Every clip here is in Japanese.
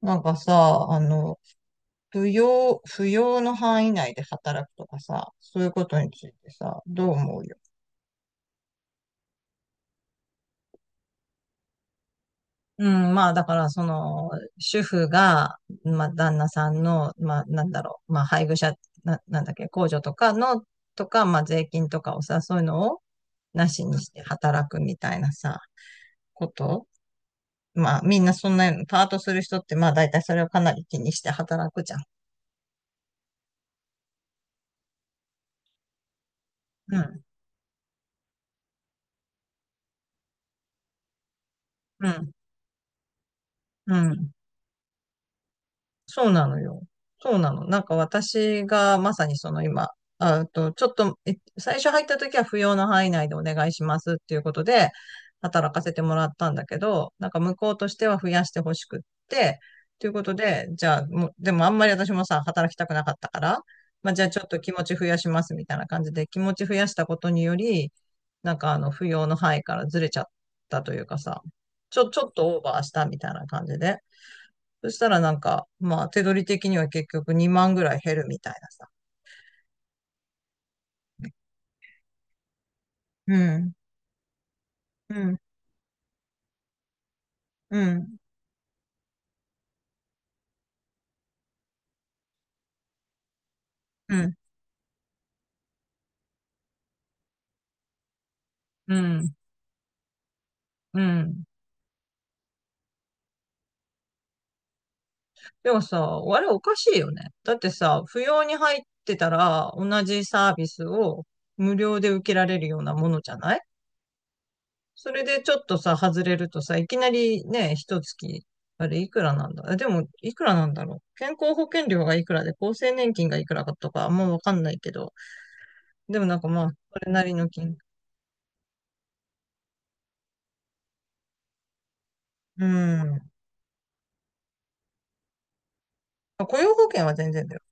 なんかさ、扶養の範囲内で働くとかさ、そういうことについてさ、どう思うよ。うん、まあ、だから、その、主婦が、まあ、旦那さんの、まあ、なんだろう、まあ、配偶者、なんだっけ、控除とかの、とか、まあ、税金とかをさ、そういうのを、なしにして働くみたいなさ、こと。まあ、みんなそんな、パートする人って、まあ、大体それをかなり気にして働くじゃん。うん、うん、うん。そうなのよ。そうなの。なんか私がまさにその今、ちょっと、最初入った時は不要の範囲内でお願いしますっていうことで、働かせてもらったんだけど、なんか向こうとしては増やしてほしくって、ということで、じゃあ、もう、でもあんまり私もさ、働きたくなかったから、まあじゃあちょっと気持ち増やしますみたいな感じで、気持ち増やしたことにより、なんか不要の範囲からずれちゃったというかさ、ちょっとオーバーしたみたいな感じで。そしたらなんか、まあ手取り的には結局2万ぐらい減るみたいなさ。うん、うん、うん、うん、うん、うん。でもさ、あれおかしいよね。だってさ、不要に入ってたら同じサービスを無料で受けられるようなものじゃない。それでちょっとさ、外れるとさ、いきなりね、一月、あれいくらなんだ。でも、いくらなんだろう、健康保険料がいくらで、厚生年金がいくらかとか、あんまわかんないけど。でもなんかまあ、それなりの金。うん。雇用保険は全然だよ。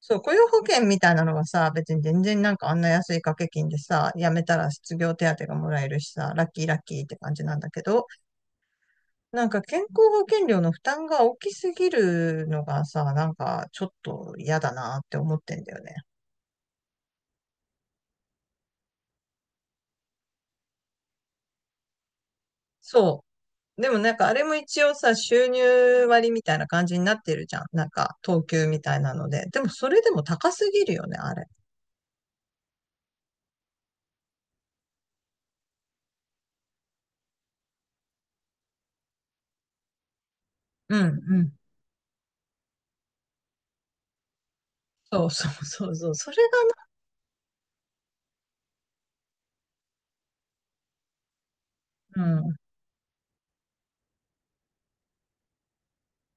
そう、雇用保険みたいなのはさ、別に全然なんかあんな安い掛け金でさ、辞めたら失業手当がもらえるしさ、ラッキーラッキーって感じなんだけど、なんか健康保険料の負担が大きすぎるのがさ、なんかちょっと嫌だなって思ってんだよね。そう。でもなんかあれも一応さ、収入割みたいな感じになってるじゃん。なんか、等級みたいなので。でもそれでも高すぎるよね、あれ。うん、うん。そうそうそうそう。それがな、うん。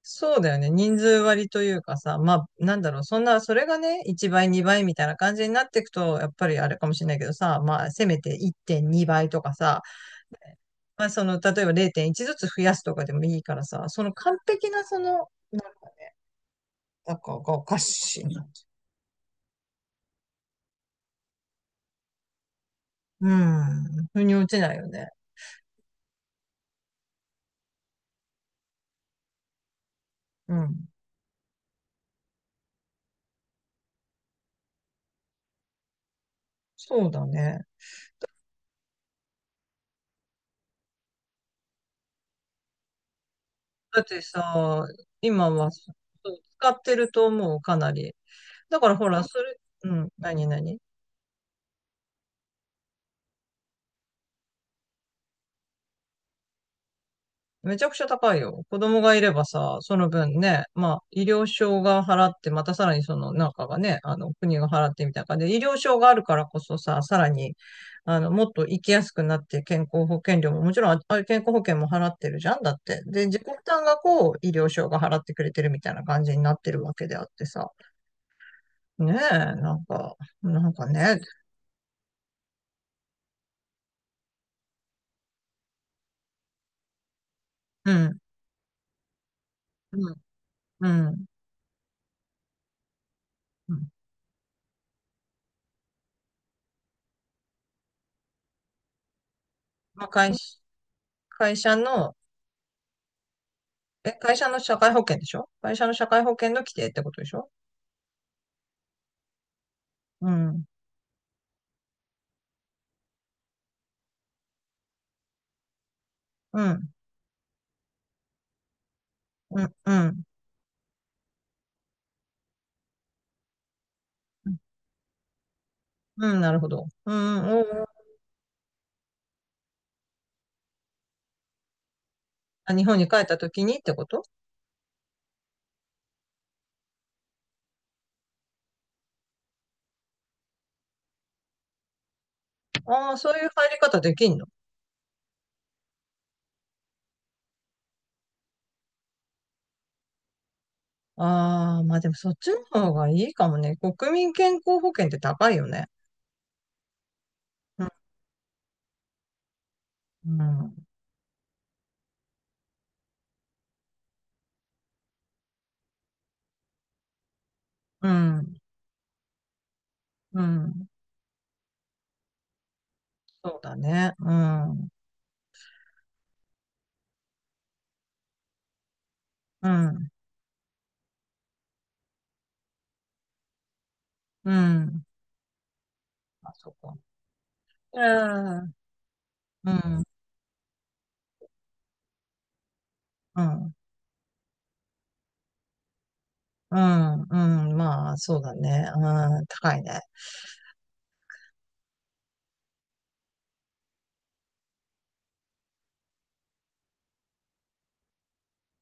そうだよね。人数割というかさ、まあ、なんだろう、そんな、それがね、1倍、2倍みたいな感じになっていくと、やっぱりあれかもしれないけどさ、まあ、せめて1.2倍とかさ、まあ、その、例えば0.1ずつ増やすとかでもいいからさ、その完璧な、その、なんかがおかしいな。うん。腑に落ちないよね。うん。そうだね。だってさ、今は、そう使ってると思う、かなり。だからほら、それ、うん、何何。めちゃくちゃ高いよ。子供がいればさ、その分ね、まあ、医療証が払って、またさらにその中がね、国が払ってみたいな感じで、医療証があるからこそさ、さらに、もっと生きやすくなって、健康保険料も、もちろん、ああれ健康保険も払ってるじゃんだって。で、自己負担がこう、医療証が払ってくれてるみたいな感じになってるわけであってさ。ねえ、なんかね、うん、うん、うん。うん。まあ、会社の、会社の社会保険でしょ？会社の社会保険の規定ってことでしょ？うん。うん。うん。うん。うん、なるほど。うん。うん。あ、日本に帰った時にってこと？ああー、そういう入り方できんの？ああー、まあでもそっちの方がいいかもね。国民健康保険って高いよね。うん。うん。うん。うん。そうだね。うん。うん。うん。あ、そっか。うん。うん。うん。うん。うん。まあ、そうだね。うん。高いね。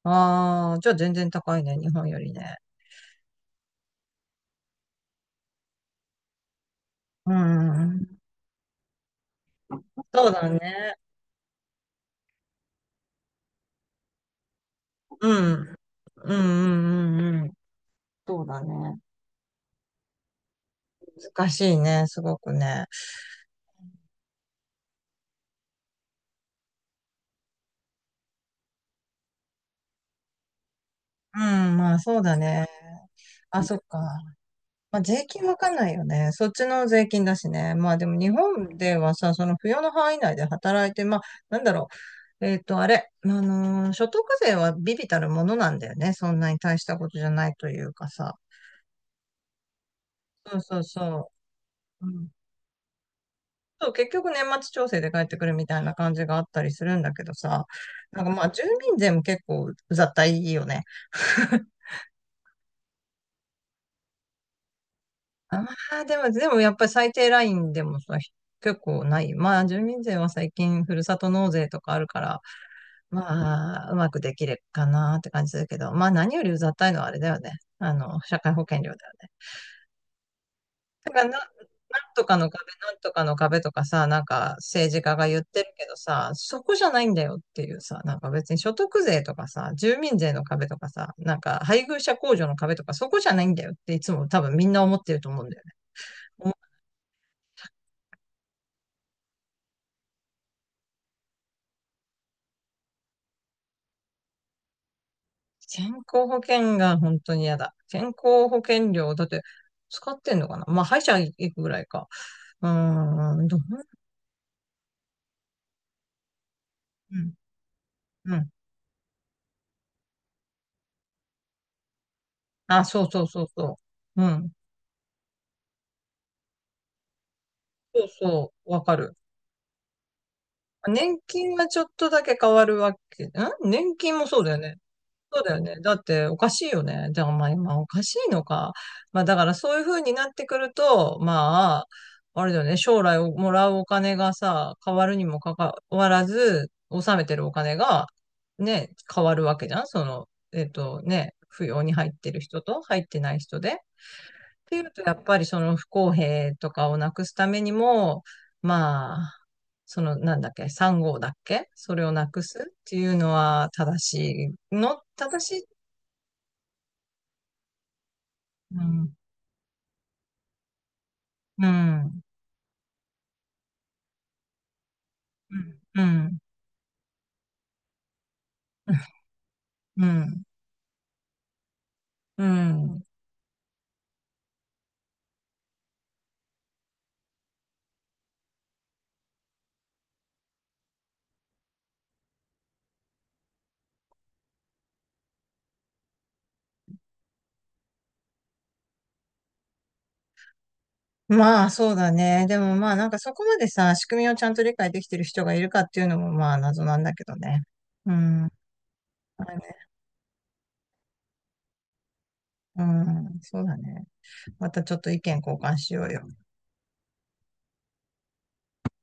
ああ、じゃあ全然高いね、日本よりね。うん。そうだね。うん。うんうんうんうん。そうだね。難しいね、すごくね。うん、まあそうだね。あ、そっか。まあ税金わかんないよね。そっちの税金だしね。まあでも日本ではさ、その扶養の範囲内で働いて、まあなんだろう。あれ、所得税は微々たるものなんだよね。そんなに大したことじゃないというかさ。そうそうそう。そう、結局年末調整で帰ってくるみたいな感じがあったりするんだけどさ、なんかまあ住民税も結構うざったいよね。ああ、でもやっぱり最低ラインでもさ、結構ない。まあ住民税は最近ふるさと納税とかあるから、まあうまくできるかなって感じするけど、まあ何よりうざったいのはあれだよね。社会保険料だよね。なんとかの壁、なんとかの壁とかさ、なんか政治家が言ってるけどさ、そこじゃないんだよっていうさ、なんか別に所得税とかさ、住民税の壁とかさ、なんか配偶者控除の壁とかそこじゃないんだよっていつも多分みんな思ってると思うんだよね。思う。健康保険が本当に嫌だ。健康保険料、だって使ってんのかな。まあ歯医者行くぐらいか。うーん、どう。うん、うん。あ、そうそうそうそう。うん。そうそう、わかる。年金はちょっとだけ変わるわけ？ん。年金もそうだよね。そうだよね。だっておかしいよね。でもまあ今おかしいのか。まあだからそういう風になってくると、まあ、あれだよね。将来をもらうお金がさ、変わるにもかかわらず、納めてるお金がね、変わるわけじゃん。その、扶養に入ってる人と入ってない人で。ていうと、やっぱりその不公平とかをなくすためにも、まあ、そのなんだっけ、3号だっけ。それをなくすっていうのは正しいの、正しい。うん、うん、うん、うん、うん、うん。まあ、そうだね。でもまあ、なんかそこまでさ、仕組みをちゃんと理解できてる人がいるかっていうのもまあ、謎なんだけどね。うん、まあね。うん、そうだね。またちょっと意見交換しようよ。